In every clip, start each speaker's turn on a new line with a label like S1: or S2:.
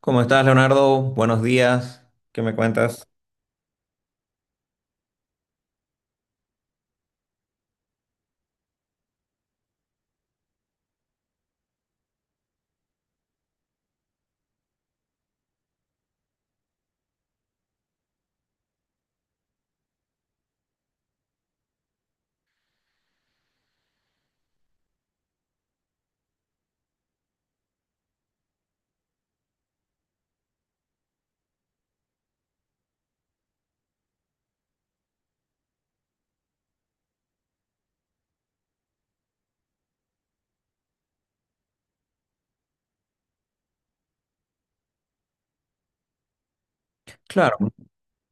S1: ¿Cómo estás, Leonardo? Buenos días. ¿Qué me cuentas? Claro,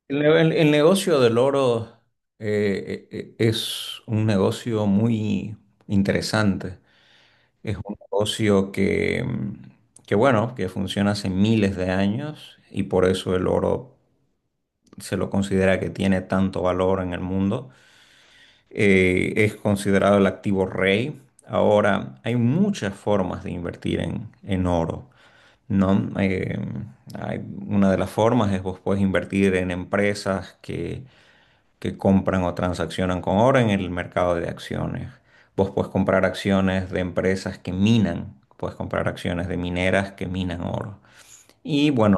S1: el negocio del oro es un negocio muy interesante. Es un negocio que, bueno, que funciona hace miles de años y por eso el oro se lo considera que tiene tanto valor en el mundo. Es considerado el activo rey. Ahora, hay muchas formas de invertir en oro, ¿no? Hay- una de las formas es vos puedes invertir en empresas que compran o transaccionan con oro en el mercado de acciones. Vos puedes comprar acciones de empresas que minan, puedes comprar acciones de mineras que minan oro. Y bueno,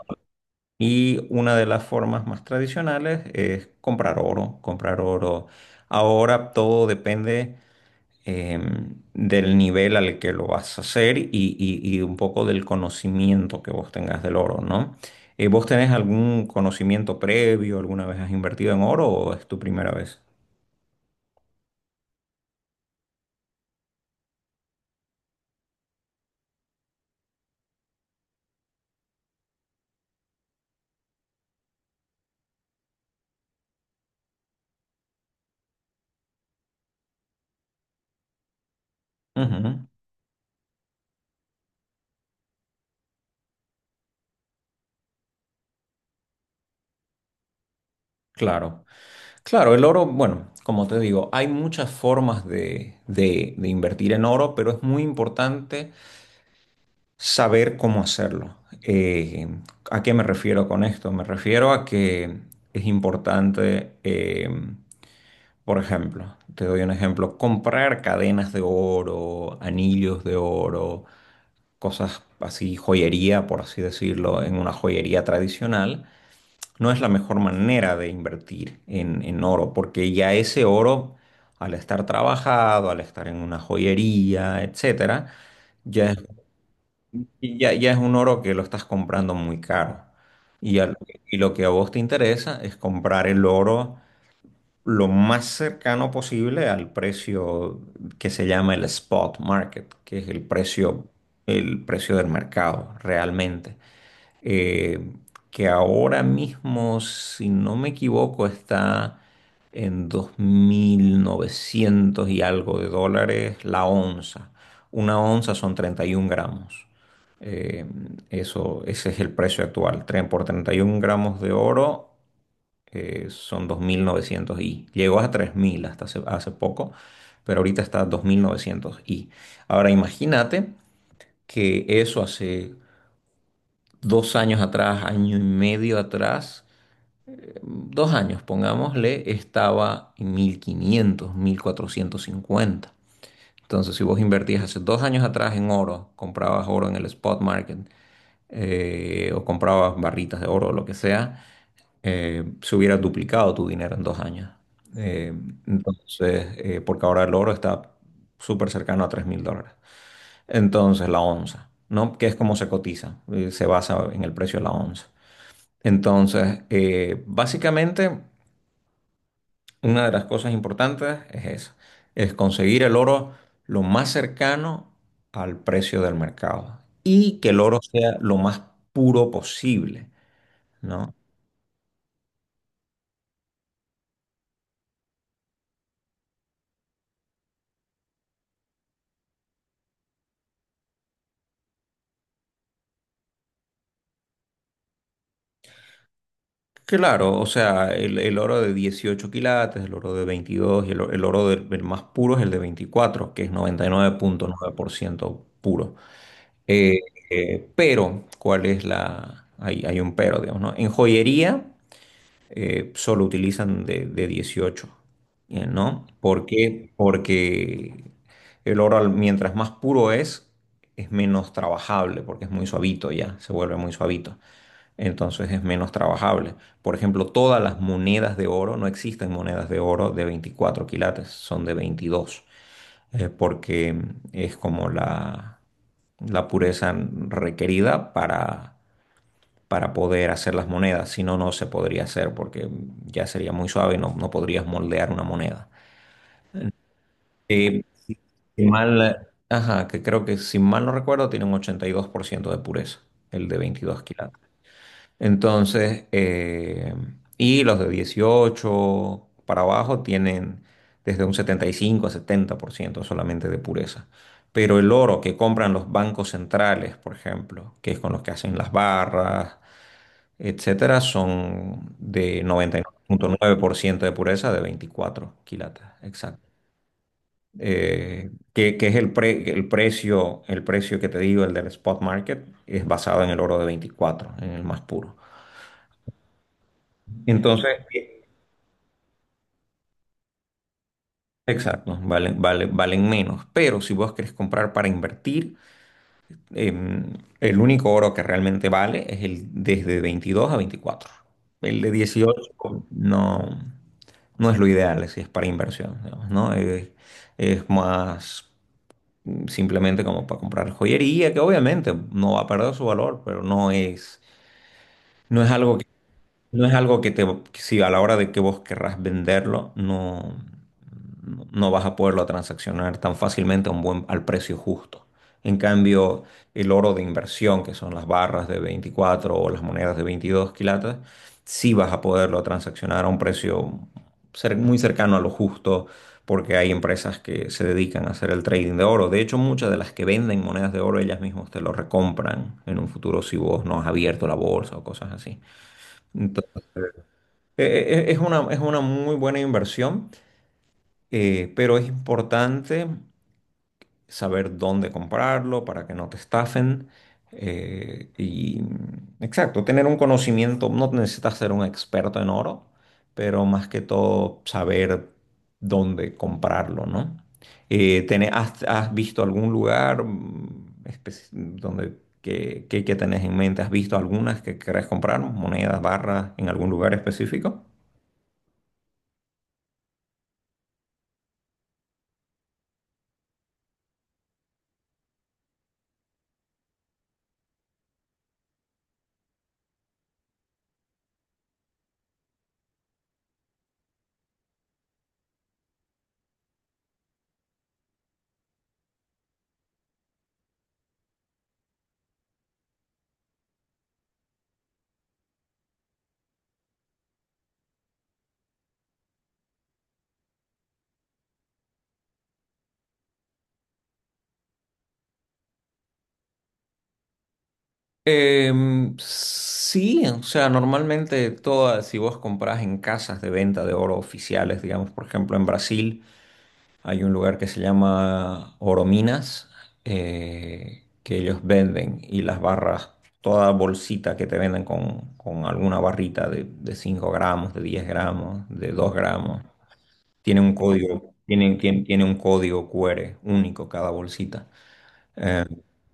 S1: y una de las formas más tradicionales es comprar oro, comprar oro. Ahora todo depende del nivel al que lo vas a hacer y un poco del conocimiento que vos tengas del oro, ¿no? ¿Vos tenés algún conocimiento previo? ¿Alguna vez has invertido en oro o es tu primera vez? Ujú. Claro, claro, el oro, bueno, como te digo, hay muchas formas de invertir en oro, pero es muy importante saber cómo hacerlo. Eh, ¿A qué me refiero con esto? Me refiero a que es importante, por ejemplo, te doy un ejemplo, comprar cadenas de oro, anillos de oro, cosas así, joyería, por así decirlo, en una joyería tradicional, no es la mejor manera de invertir en oro, porque ya ese oro, al estar trabajado, al estar en una joyería, etcétera, ya es ya es un oro que lo estás comprando muy caro. Y, a y lo que a vos te interesa es comprar el oro lo más cercano posible al precio que se llama el spot market, que es el precio del mercado realmente, eh, que ahora mismo, si no me equivoco, está en 2.900 y algo de dólares la onza. Una onza son 31 gramos. Eh, Eso, ese es el precio actual. Tren por 31 gramos de oro son 2.900 y llegó a 3.000 hasta hace poco, pero ahorita está a 2.900 y. Ahora imagínate que eso hace 2 años atrás, año y medio atrás, 2 años, pongámosle, estaba en 1.500, 1.450. Entonces, si vos invertías hace 2 años atrás en oro, comprabas oro en el spot market, o comprabas barritas de oro o lo que sea, se hubiera duplicado tu dinero en 2 años. Eh, entonces, porque ahora el oro está súper cercano a 3.000 dólares. Entonces, la onza, ¿no? Que es como se cotiza, se basa en el precio de la onza. Entonces, básicamente, una de las cosas importantes es eso, es conseguir el oro lo más cercano al precio del mercado y que el oro sea lo más puro posible, ¿no? Claro, o sea, el oro de 18 quilates, el oro de 22 el oro el más puro es el de 24, que es 99.9% puro. Eh, pero, ¿cuál es la...? Hay un pero, digamos, ¿no? En joyería solo utilizan de 18, ¿no? ¿Por qué? Porque el oro, al- mientras más puro es menos trabajable, porque es muy suavito ya, se vuelve muy suavito. Entonces es menos trabajable. Por ejemplo, todas las monedas de oro, no existen monedas de oro de 24 quilates, son de 22, porque es como la pureza requerida para poder hacer las monedas. Si no, no se podría hacer porque ya sería muy suave y no, no podrías moldear una moneda. Eh, si mal, ajá, que creo que si mal no recuerdo tiene un 82% de pureza, el de 22 quilates. Entonces, y los de 18 para abajo tienen desde un 75 a 70% solamente de pureza. Pero el oro que compran los bancos centrales, por ejemplo, que es con los que hacen las barras, etcétera, son de 99.9% de pureza de 24 quilates, exacto. Que es el precio que te digo, el del spot market, es basado en el oro de 24, en el más puro. Entonces, exacto, valen menos. Pero si vos querés comprar para invertir, em, el único oro que realmente vale es el desde 22 a veinticuatro. El de dieciocho no, no es lo ideal si es para inversión, digamos, ¿no? Es más simplemente como para comprar joyería, que obviamente no va a perder su valor, pero no es, no es algo no es algo que si a la hora de que vos querrás venderlo, no, no vas a poderlo transaccionar tan fácilmente a un buen, al precio justo. En cambio, el oro de inversión, que son las barras de 24 o las monedas de 22 quilates, sí vas a poderlo transaccionar a un precio muy cercano a lo justo, porque hay empresas que se dedican a hacer el trading de oro. De hecho, muchas de las que venden monedas de oro, ellas mismas te lo recompran en un futuro si vos no has abierto la bolsa o cosas así. Entonces, es una, es una muy buena inversión, pero es importante saber dónde comprarlo para que no te estafen. Y exacto, tener un conocimiento, no necesitas ser un experto en oro, pero más que todo saber dónde comprarlo, ¿no? Has, has visto algún lugar, donde que tenés en mente? ¿Has visto algunas que querés comprar, monedas, barras, en algún lugar específico? Sí, o sea, normalmente todas, si vos comprás en casas de venta de oro oficiales, digamos, por ejemplo, en Brasil hay un lugar que se llama Orominas, que ellos venden y las barras, toda bolsita que te venden con alguna barrita de 5 gramos, de 10 gramos, de 2 gramos, tiene un código, tiene un código QR único cada bolsita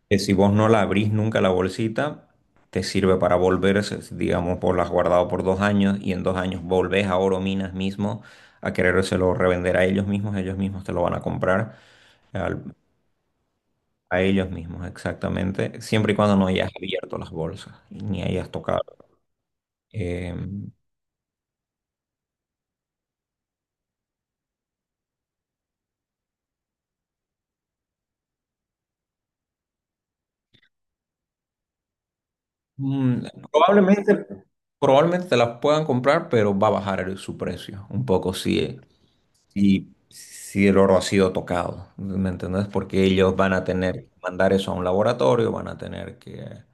S1: que si vos no la abrís nunca la bolsita, te sirve para volver, digamos, por las guardado por 2 años y en 2 años volvés a Oro Minas mismo a querérselo revender a ellos mismos te lo van a comprar al- a ellos mismos, exactamente, siempre y cuando no hayas abierto las bolsas ni hayas tocado. Eh, mm, probablemente, Probablemente te las puedan comprar, pero va a bajar el- su precio un poco, sí. Y si el oro ha sido tocado, ¿me entendés? Porque ellos van a tener que mandar eso a un laboratorio, van a tener que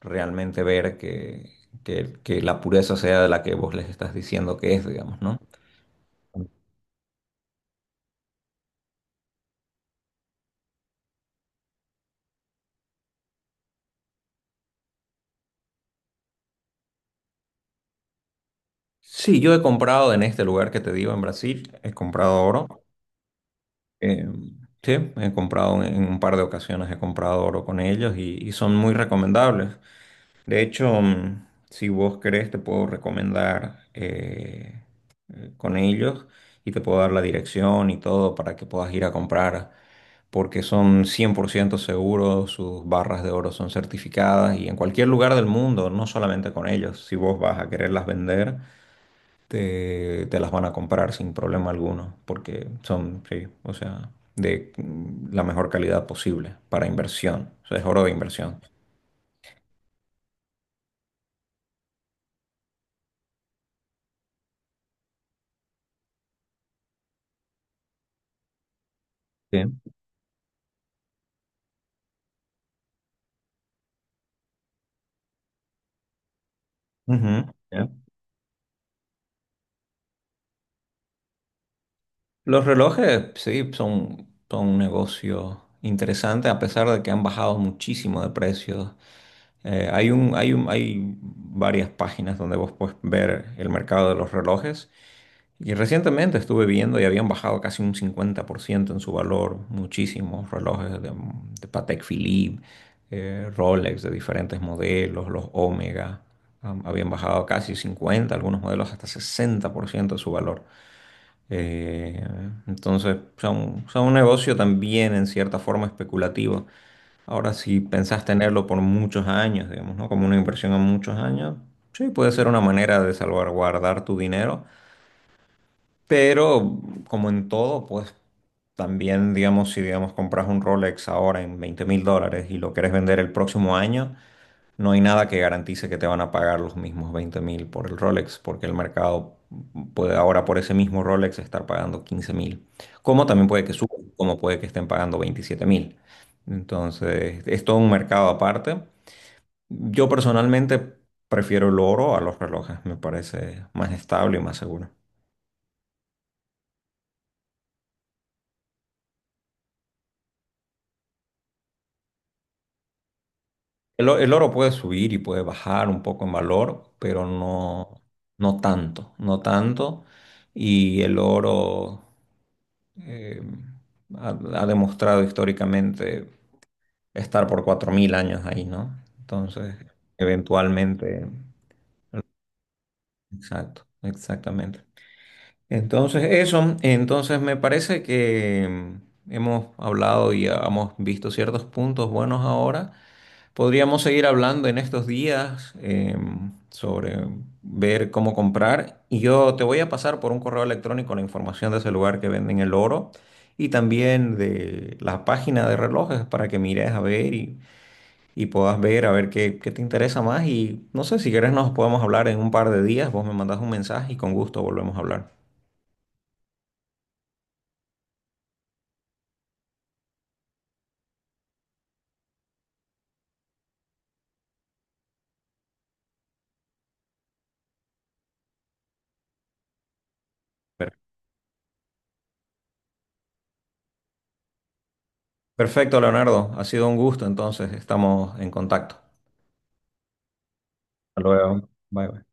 S1: realmente ver que, que la pureza sea de la que vos les estás diciendo que es, digamos, ¿no? Sí, yo he comprado en este lugar que te digo, en Brasil, he comprado oro. Eh, sí, he comprado en un par de ocasiones, he comprado oro con ellos y son muy recomendables. De hecho, mm, si vos querés, te puedo recomendar, con ellos y te puedo dar la dirección y todo para que puedas ir a comprar, porque son 100% seguros, sus barras de oro son certificadas y en cualquier lugar del mundo, no solamente con ellos, si vos vas a quererlas vender, te las van a comprar sin problema alguno, porque son, sí, o sea, de la mejor calidad posible para inversión, o sea, es oro de inversión. Sí. Ujú. Los relojes, sí, son, son un negocio interesante, a pesar de que han bajado muchísimo de precios. Hay varias páginas donde vos puedes ver el mercado de los relojes. Y recientemente estuve viendo y habían bajado casi un 50% en su valor. Muchísimos relojes de Patek Philippe, Rolex de diferentes modelos, los Omega, habían bajado casi 50 algunos modelos hasta 60% de su valor. Eh, entonces, ya un negocio también en cierta forma especulativo. Ahora, si pensás tenerlo por muchos años, digamos, ¿no? Como una inversión a muchos años, sí, puede ser una manera de salvaguardar tu dinero, pero como en todo, pues también, digamos, si, digamos, compras un Rolex ahora en 20.000 dólares y lo querés vender el próximo año, no hay nada que garantice que te van a pagar los mismos 20.000 por el Rolex, porque el mercado puede ahora por ese mismo Rolex estar pagando 15.000. Como también puede que suba, como puede que estén pagando 27.000. Entonces, es todo un mercado aparte. Yo personalmente prefiero el oro a los relojes, me parece más estable y más seguro. El oro puede subir y puede bajar un poco en valor, pero no, no tanto, no tanto. Y el oro, eh, ha demostrado históricamente estar por 4.000 años ahí, ¿no? Entonces, eventualmente, exacto, exactamente. Entonces, eso, entonces me parece que hemos hablado y hemos visto ciertos puntos buenos ahora. Podríamos seguir hablando en estos días, sobre ver cómo comprar y yo te voy a pasar por un correo electrónico la información de ese lugar que venden el oro y también de la página de relojes para que mires a ver y puedas ver a ver qué, qué te interesa más y no sé si quieres nos podemos hablar en un par de días, vos me mandas un mensaje y con gusto volvemos a hablar. Per- Perfecto, Leonardo, ha sido un gusto, entonces estamos en contacto. Hasta luego. Bye. Bye.